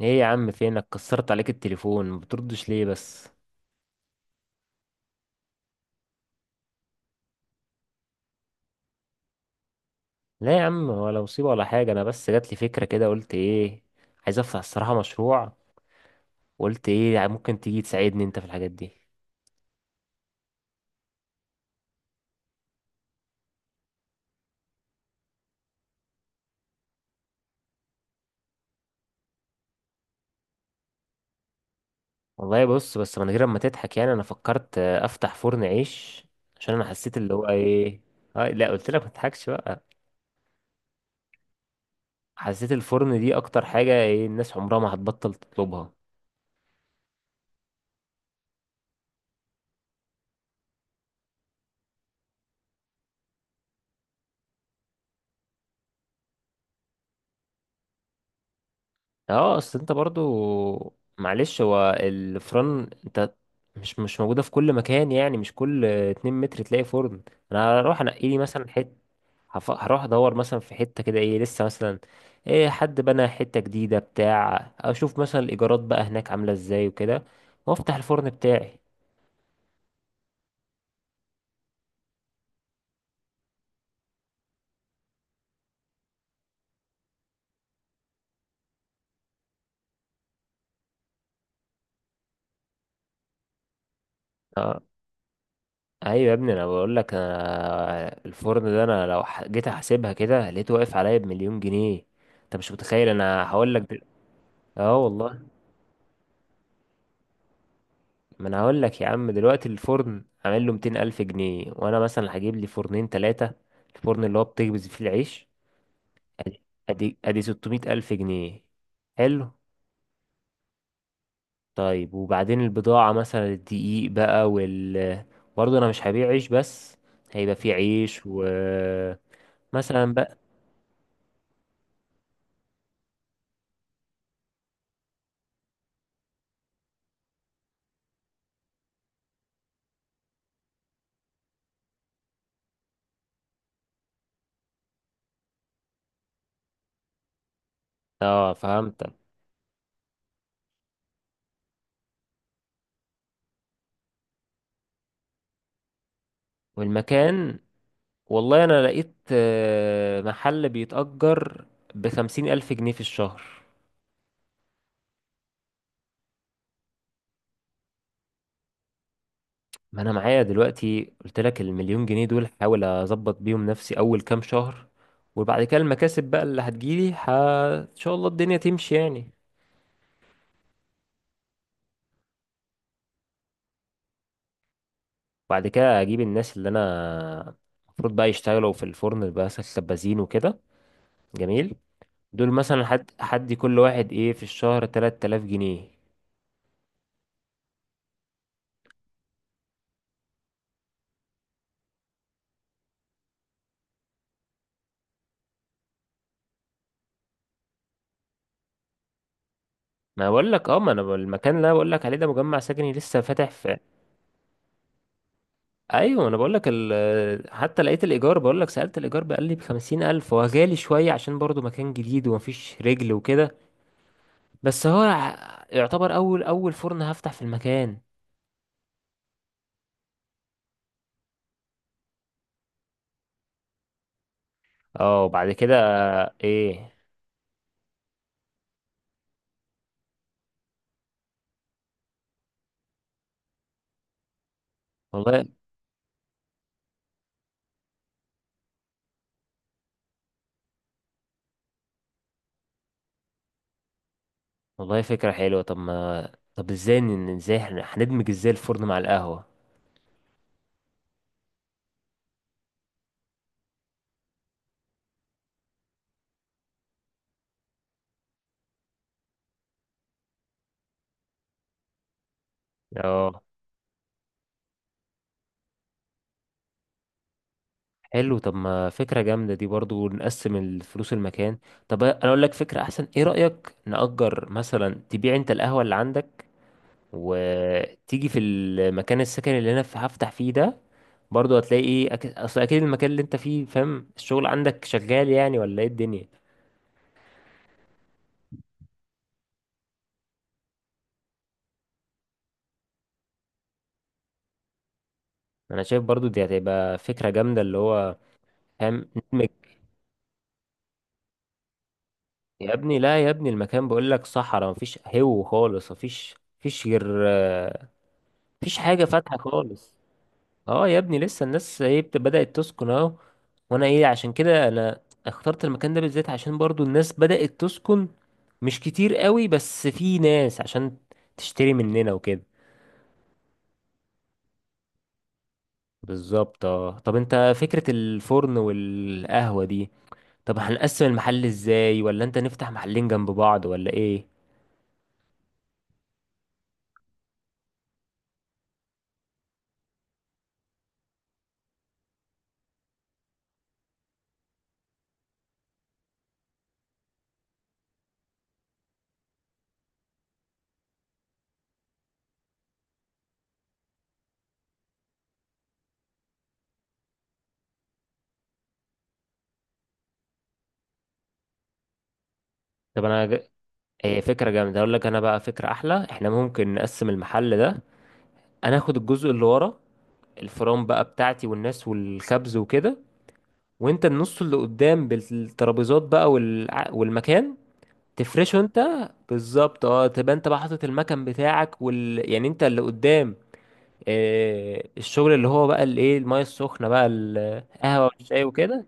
ايه يا عم، فينك؟ كسرت عليك التليفون، ما بتردش ليه بس؟ لا يا عم، ولا مصيبة ولا حاجة. انا بس جات لي فكرة كده، قلت ايه، عايز افتح الصراحة مشروع. وقلت ايه يعني ممكن تيجي تساعدني انت في الحاجات دي. والله بص، بس من غير ما تضحك يعني، انا فكرت افتح فرن عيش. عشان انا حسيت اللي هو ايه، آه لا قلت لك ما تضحكش بقى. حسيت الفرن دي اكتر حاجة، ايه الناس عمرها ما هتبطل تطلبها. اه، اصل انت برضو معلش، هو الفرن انت مش موجودة في كل مكان، يعني مش كل اتنين متر تلاقي فرن. انا هروح انقي لي مثلا حتة، هروح ادور مثلا في حتة كده، ايه لسه مثلا، ايه حد بنى حتة جديدة بتاع، اشوف مثلا الايجارات بقى هناك عاملة ازاي وكده، وافتح الفرن بتاعي. اه ايوه يا ابني، انا بقول لك، انا الفرن ده، انا لو جيت احسبها كده لقيته واقف عليا بمليون جنيه. انت مش متخيل، انا هقول لك اه والله. ما انا هقول لك يا عم، دلوقتي الفرن عامل له 200 الف جنيه، وانا مثلا هجيب لي فرنين ثلاثه، الفرن اللي هو بتخبز فيه العيش، ادي 600 الف جنيه. حلو. طيب وبعدين البضاعه، مثلا الدقيق بقى برضه انا مش هبيع عيش بس، هيبقى فيه عيش مثلا بقى. اه فهمتك. والمكان، والله انا لقيت محل بيتأجر ب 50,000 الف جنيه في الشهر. ما انا معايا دلوقتي قلت لك، المليون جنيه دول هحاول اظبط بيهم نفسي اول كام شهر، وبعد كده المكاسب بقى اللي هتجيلي ان شاء الله الدنيا تمشي يعني. بعد كده اجيب الناس اللي انا المفروض بقى يشتغلوا في الفرن بقى سبازين وكده، جميل، دول مثلا حد كل واحد ايه في الشهر 3000 جنيه. ما بقول لك اه، ما انا المكان اللي انا بقول لك عليه ده مجمع سكني لسه فاتح في. ايوه انا بقول لك حتى لقيت الايجار، بقول لك سالت الايجار بقى لي ب 50,000، هو غالي شويه عشان برضو مكان جديد ومفيش رجل وكده. بس هو يعتبر اول فرن هفتح في المكان. اه وبعد كده ايه، والله، والله فكره حلوه. طب ما، طب ازاي هندمج ازاي الفرن مع القهوه. اه حلو، طب ما فكره جامده دي، برضو نقسم الفلوس المكان. طب انا اقول لك فكره احسن، ايه رايك نأجر مثلا، تبيع انت القهوه اللي عندك وتيجي في المكان السكن اللي انا هفتح فيه ده، برضو هتلاقي ايه اصل اكيد المكان اللي انت فيه فاهم، الشغل عندك شغال يعني ولا ايه الدنيا. انا شايف برضو دي هتبقى فكرة جامدة، اللي هو فاهم ندمج. يا ابني لا يا ابني، المكان بقول لك صحراء، مفيش هو خالص مفيش، مفيش غير مفيش حاجة فاتحة خالص. اه يا ابني، لسه الناس ايه بدأت تسكن اهو. وانا ايه، عشان كده انا اخترت المكان ده بالذات، عشان برضو الناس بدأت تسكن مش كتير قوي، بس في ناس عشان تشتري مننا وكده. بالظبط اه، طب انت فكرة الفرن والقهوة دي، طب هنقسم المحل ازاي، ولا انت نفتح محلين جنب بعض، ولا ايه. طب انا هي فكرة جامدة، اقول لك انا بقى فكرة احلى، احنا ممكن نقسم المحل ده. انا اخد الجزء اللي ورا، الفرن بقى بتاعتي والناس والخبز وكده. وانت النص اللي قدام بالترابيزات بقى والمكان تفرشه انت. بالظبط اه، تبقى انت بقى حاطط المكان بتاعك يعني انت اللي قدام، الشغل اللي هو بقى المايه السخنه بقى، القهوه والشاي وكده.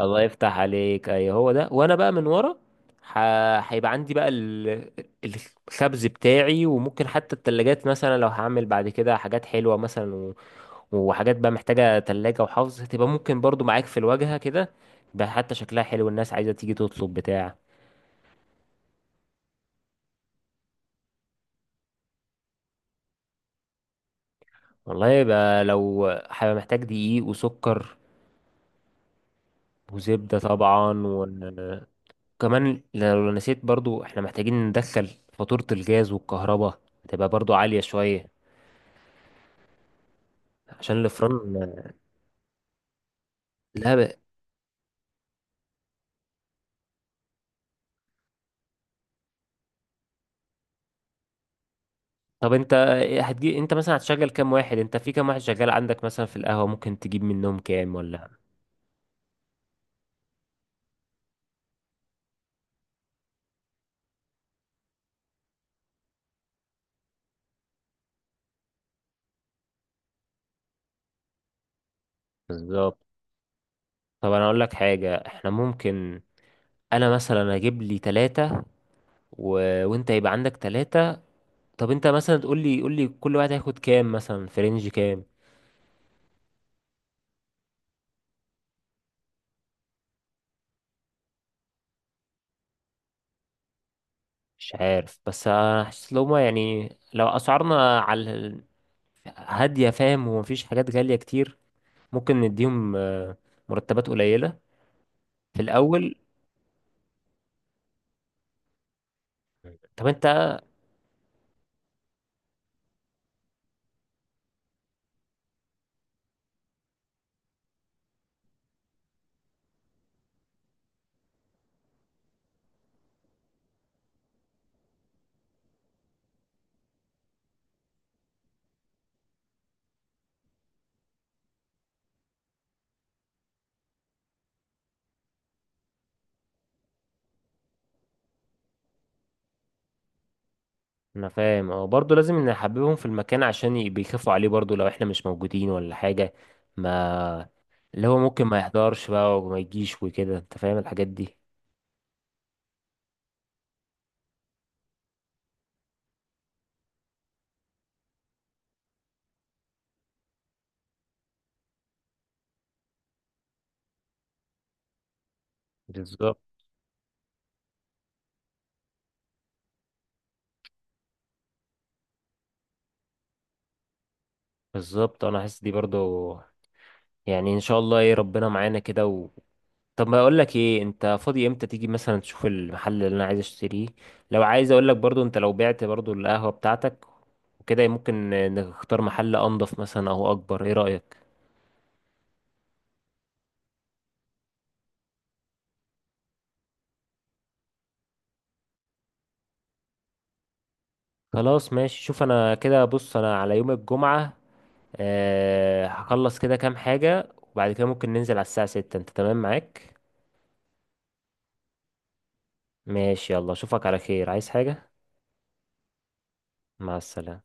الله يفتح عليك، اي هو ده، وانا بقى من ورا، ح- هيبقى عندي بقى الخبز بتاعي، وممكن حتى التلاجات مثلا لو هعمل بعد كده حاجات حلوة مثلا وحاجات بقى محتاجة تلاجة وحفظ، هتبقى ممكن برضو معاك في الواجهة كده، بقى حتى شكلها حلو الناس عايزة تيجي تطلب بتاع. والله يبقى، لو هيبقى محتاج دقيق وسكر، وزبدة طبعا. وكمان لو نسيت، برضو احنا محتاجين ندخل فاتورة الجاز والكهرباء، هتبقى برضو عالية شوية عشان الفرن. لا، طب انت، هتجي انت مثلا هتشغل كام واحد، انت في كام واحد شغال عندك مثلا في القهوة، ممكن تجيب منهم كام ولا. بالظبط. طب انا اقول لك حاجة، احنا ممكن انا مثلا اجيب لي ثلاثة و... وانت يبقى عندك ثلاثة. طب انت مثلا تقول لي، قول لي كل واحد هياخد كام، مثلا في رينج كام. مش عارف، بس انا حاسس لو ما يعني لو اسعارنا على هادية فاهم، ومفيش حاجات غالية كتير، ممكن نديهم مرتبات قليلة في الاول. طب انت، انا فاهم اه، برضه لازم نحببهم في المكان عشان بيخافوا عليه برضه لو احنا مش موجودين ولا حاجة. ما اللي هو ممكن ما يحضرش بقى وما يجيش وكده، انت فاهم الحاجات دي. بالظبط. بالظبط انا حاسس دي برضه. يعني ان شاء الله، ايه ربنا معانا كده. طب ما اقول لك ايه، انت فاضي امتى تيجي مثلا تشوف المحل اللي انا عايز اشتريه؟ لو عايز اقول لك برضه، انت لو بعت برضه القهوة بتاعتك وكده، ممكن نختار محل انضف مثلا او اكبر، ايه رأيك؟ خلاص ماشي، شوف انا كده، بص انا على يوم الجمعة أه هخلص كده كام حاجة، وبعد كده ممكن ننزل على الساعة 6، انت تمام معاك؟ ماشي يلا، اشوفك على خير، عايز حاجة. مع السلامة.